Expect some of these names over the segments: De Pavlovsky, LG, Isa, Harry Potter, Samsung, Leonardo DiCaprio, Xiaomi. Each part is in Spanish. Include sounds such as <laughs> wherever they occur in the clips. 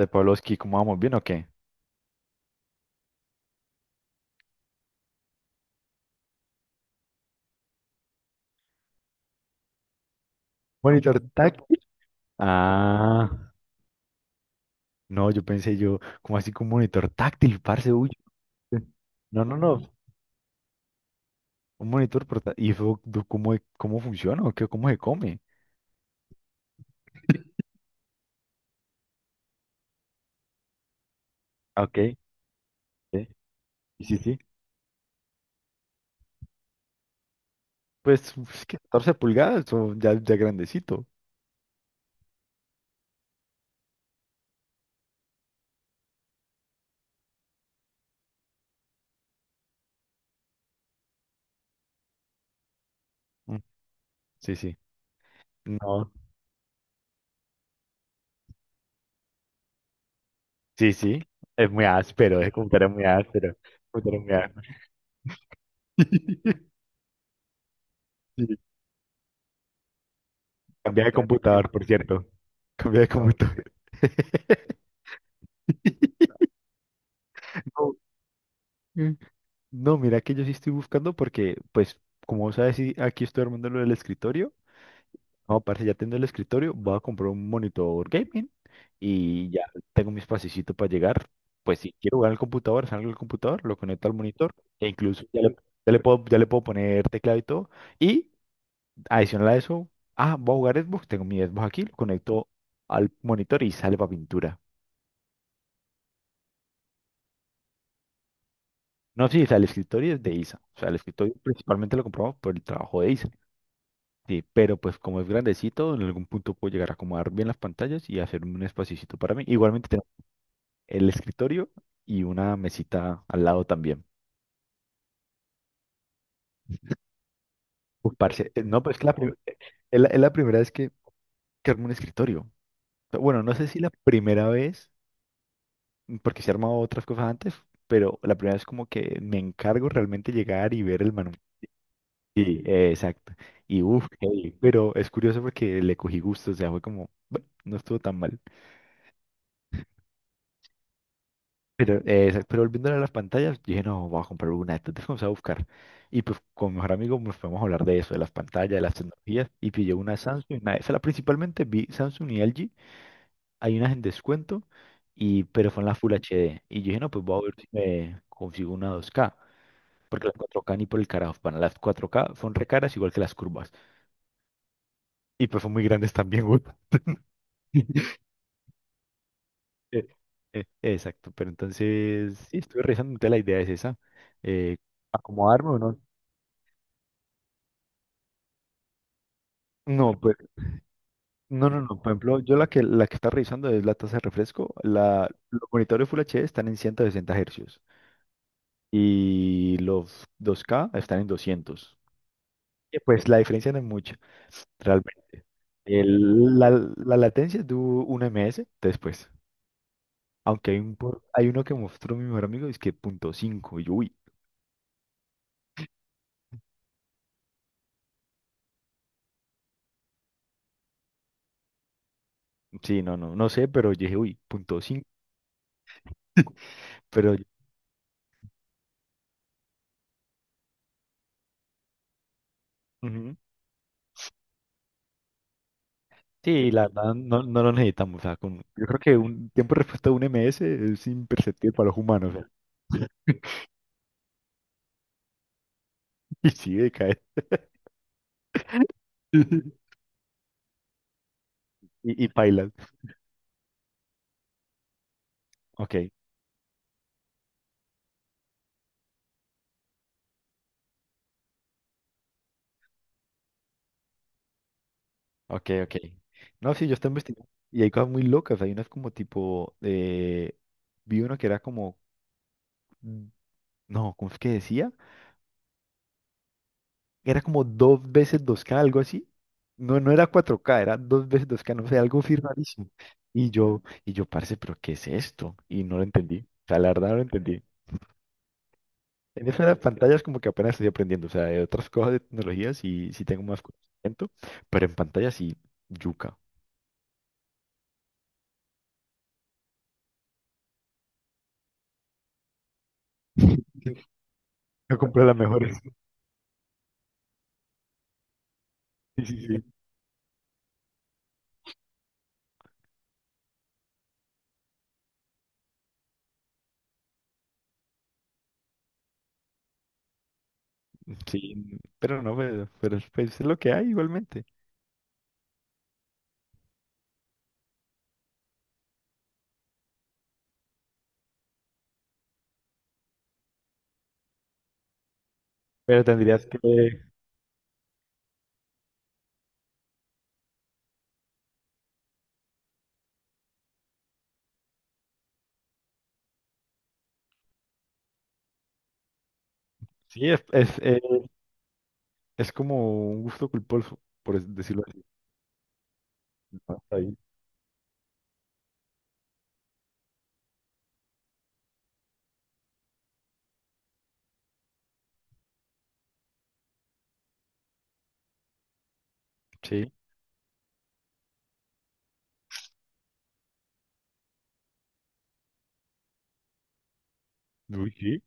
De Pavlovsky, ¿cómo vamos? ¿Bien o qué? Monitor táctil. Ah, no, yo pensé yo, ¿cómo así que un monitor táctil, parce? Uy, no, no, no, un monitor portátil. ¿Y eso, cómo, cómo funciona o qué, cómo se come? Ah, ok, ok, sí, sí, sí. Pues uf, es que 14 pulgadas, o ya, ya grandecito. Mm, sí, sí. No, sí, sí. Es muy áspero, ese computador es muy áspero. Computador muy áspero. <laughs> Sí. Cambié de computador, por cierto. Cambié de computador. <laughs> No. No, mira que yo sí estoy buscando porque, pues, como vos sabes, sí, aquí estoy armando lo del escritorio. No, parece ya tengo el escritorio, voy a comprar un monitor gaming y ya tengo mi espacito para llegar. Pues si quiero jugar al computador, salgo del computador, lo conecto al monitor e incluso ya le puedo poner teclado y todo. Y adicional a eso, voy a jugar Xbox, tengo mi Xbox aquí, lo conecto al monitor y sale para pintura. No, sí, o sea, el escritorio es de Isa. O sea, el escritorio principalmente lo compramos por el trabajo de Isa. Sí, pero pues como es grandecito, en algún punto puedo llegar a acomodar bien las pantallas y hacer un espacito para mí. Igualmente tengo el escritorio y una mesita al lado también. Uf, parce, no, pues es la primera vez que armo un escritorio. Pero bueno, no sé si la primera vez, porque se he armado otras cosas antes, pero la primera vez como que me encargo realmente llegar y ver el manual. Sí, exacto. Y uff, pero es curioso porque le cogí gusto, o sea, fue como, bueno, no estuvo tan mal. Pero, exacto, pero volviendo a las pantallas, dije, no, voy a comprar una de estas, entonces vamos a buscar. Y pues con mi mejor amigo nos podemos hablar de eso, de las pantallas, de las tecnologías, y pillé una de Samsung, una de Sala, principalmente vi Samsung y LG, hay unas en descuento, y, pero son las Full HD. Y yo dije, no, pues voy a ver si me consigo una 2K, porque las 4K ni por el carajo, van las 4K son re caras igual que las curvas, y pues son muy grandes también, güey. <laughs> Eh, Exacto, pero entonces, sí, estuve revisando, entonces la idea es esa, eh, acomodarme o no. No, pues, no, no, no. Por ejemplo, yo la que está revisando es la tasa de refresco. Los monitores Full HD están en 160 Hz y los 2K están en 200. Y pues la diferencia no es mucha, realmente. El- la, la latencia es de un ms después. Aunque hay uno que mostró mi mejor amigo, es que punto .5. Y yo, uy, sí, no, no, no sé, pero yo dije, uy, punto .5. Pero, ujú, sí, la verdad no lo necesitamos. O sea, yo creo que un tiempo de respuesta de un MS es imperceptible para los humanos. O sea, <laughs> y sí, decae. <laughs> Y pailas. Ok, ok, ok. No, sí, yo estaba investigando. Y hay cosas muy locas. Hay unas como tipo, vi uno que era como, mm, no, ¿cómo es que decía? Era como dos veces dos k algo así. No, no era cuatro k era dos veces dos k no sé, algo así rarísimo. Parce, ¿pero qué es esto? Y no lo entendí. O sea, la verdad no lo entendí. En eso de las pantallas como que apenas estoy aprendiendo, o sea, de otras cosas de tecnología sí, sí tengo más conocimiento, pero en pantalla sí, yuca. <laughs> No compré las mejores. <laughs> Sí, sí, sí. Sí, pero no, pero pues, es lo que hay igualmente. Pero tendrías que... Sí, es como un gusto culposo, por decirlo así. Ah, está bien. Sí, uy, sí,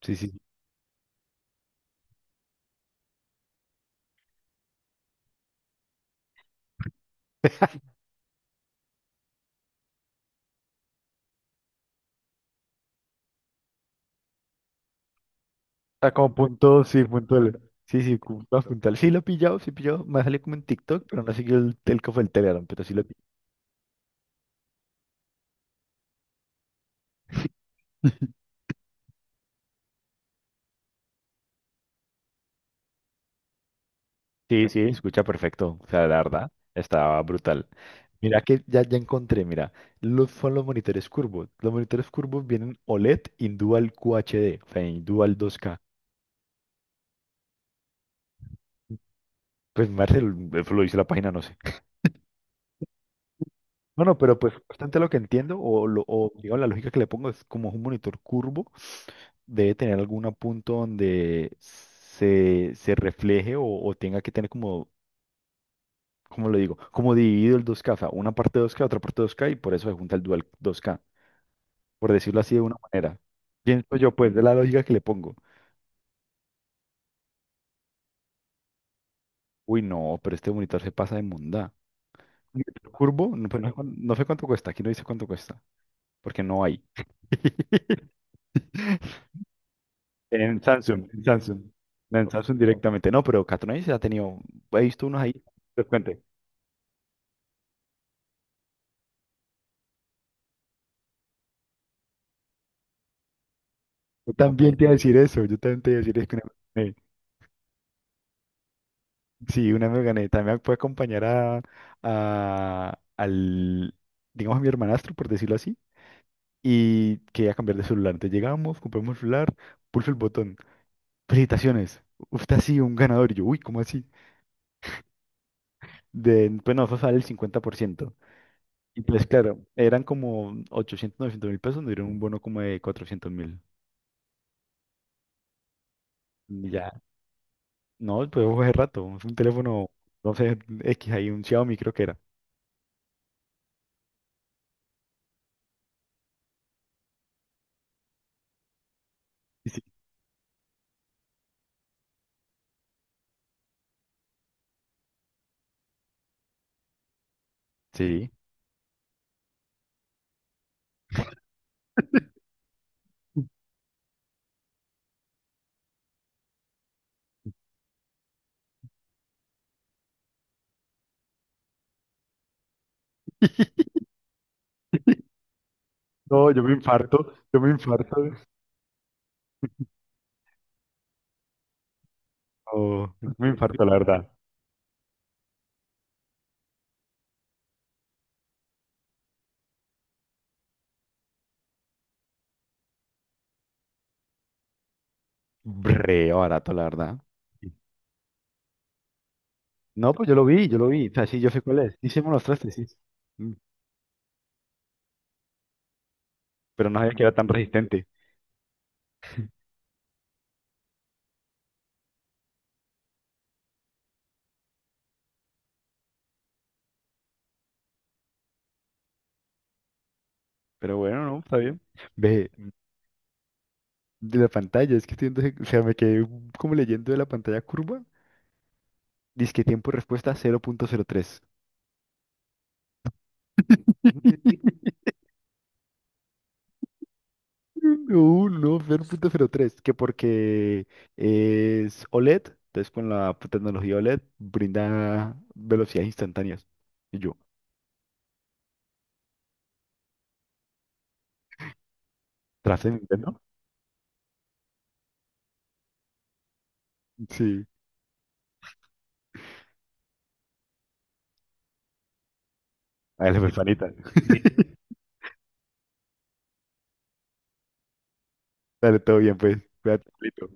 sí, sí. Está como punto, sí, punto L. Sí, sí, punto puntual. Sí lo he pillado, sí he pillado. Me salió como en TikTok, pero no he seguido el telco del Telegram, pero sí lo he pillado. Sí, sí, escucha perfecto. O sea, la verdad, estaba brutal. Mira que ya, ya encontré, mira, son los monitores curvos. Los monitores curvos vienen OLED in Dual QHD, o sea, in Dual 2K. Pues Marcel, eso lo dice la página, no sé. <laughs> Bueno, pero pues bastante lo que entiendo, o digamos, la lógica que le pongo es como es un monitor curvo, debe tener algún punto donde se refleje o tenga que tener como, como lo digo, como dividido el 2K, o sea, una parte 2K, otra parte 2K, y por eso se junta el Dual 2K. Por decirlo así de una manera. Pienso yo, pues, de la lógica que le pongo. Uy, no, pero este monitor se pasa de mondá. Monitor curvo, no, pues, no sé cuánto cuesta, aquí no dice cuánto cuesta, porque no hay. <laughs> En Samsung, en Samsung. No, en Samsung directamente. No, pero Catonais ha tenido, he visto unos ahí. Te cuente. Yo también te iba a decir eso, yo también te iba a decir eso. Que una vez me gané. Sí, una vez me gané. También puede acompañar a, a- al, digamos, a mi hermanastro, por decirlo así y quería cambiar de celular. Entonces llegamos, compramos el celular, pulso el botón. Felicitaciones, usted ha sido un ganador. Y yo, uy, ¿cómo así? De, pues no, fue sale el 50%. Y pues claro, eran como 800 900 mil pesos, nos dieron un bono como de 400.000. Y ya, no, pues fue hace rato, es un teléfono, no sé, X, ahí un Xiaomi creo que era. Y sí. Sí. <laughs> No, yo me infarto, yo me infarto. Oh, me infarto, la verdad. Re barato, la verdad. No, pues yo lo vi, yo lo vi. O sea, sí, yo sé cuál es. Sí, sí me lo mostraste, sí. Mm. Pero no sabía que era tan resistente. Pero bueno, no, está bien. Ve, de la pantalla, es que o sea, me quedé como leyendo de la pantalla curva. Dice que tiempo de respuesta 0.03. <laughs> No, no, 0.03. Que porque es OLED, entonces con la tecnología OLED brinda velocidades instantáneas. Y yo, tras de Nintendo. Sí, a la personita. <laughs> Dale, todo bien, pues. Cuídate, Pablito.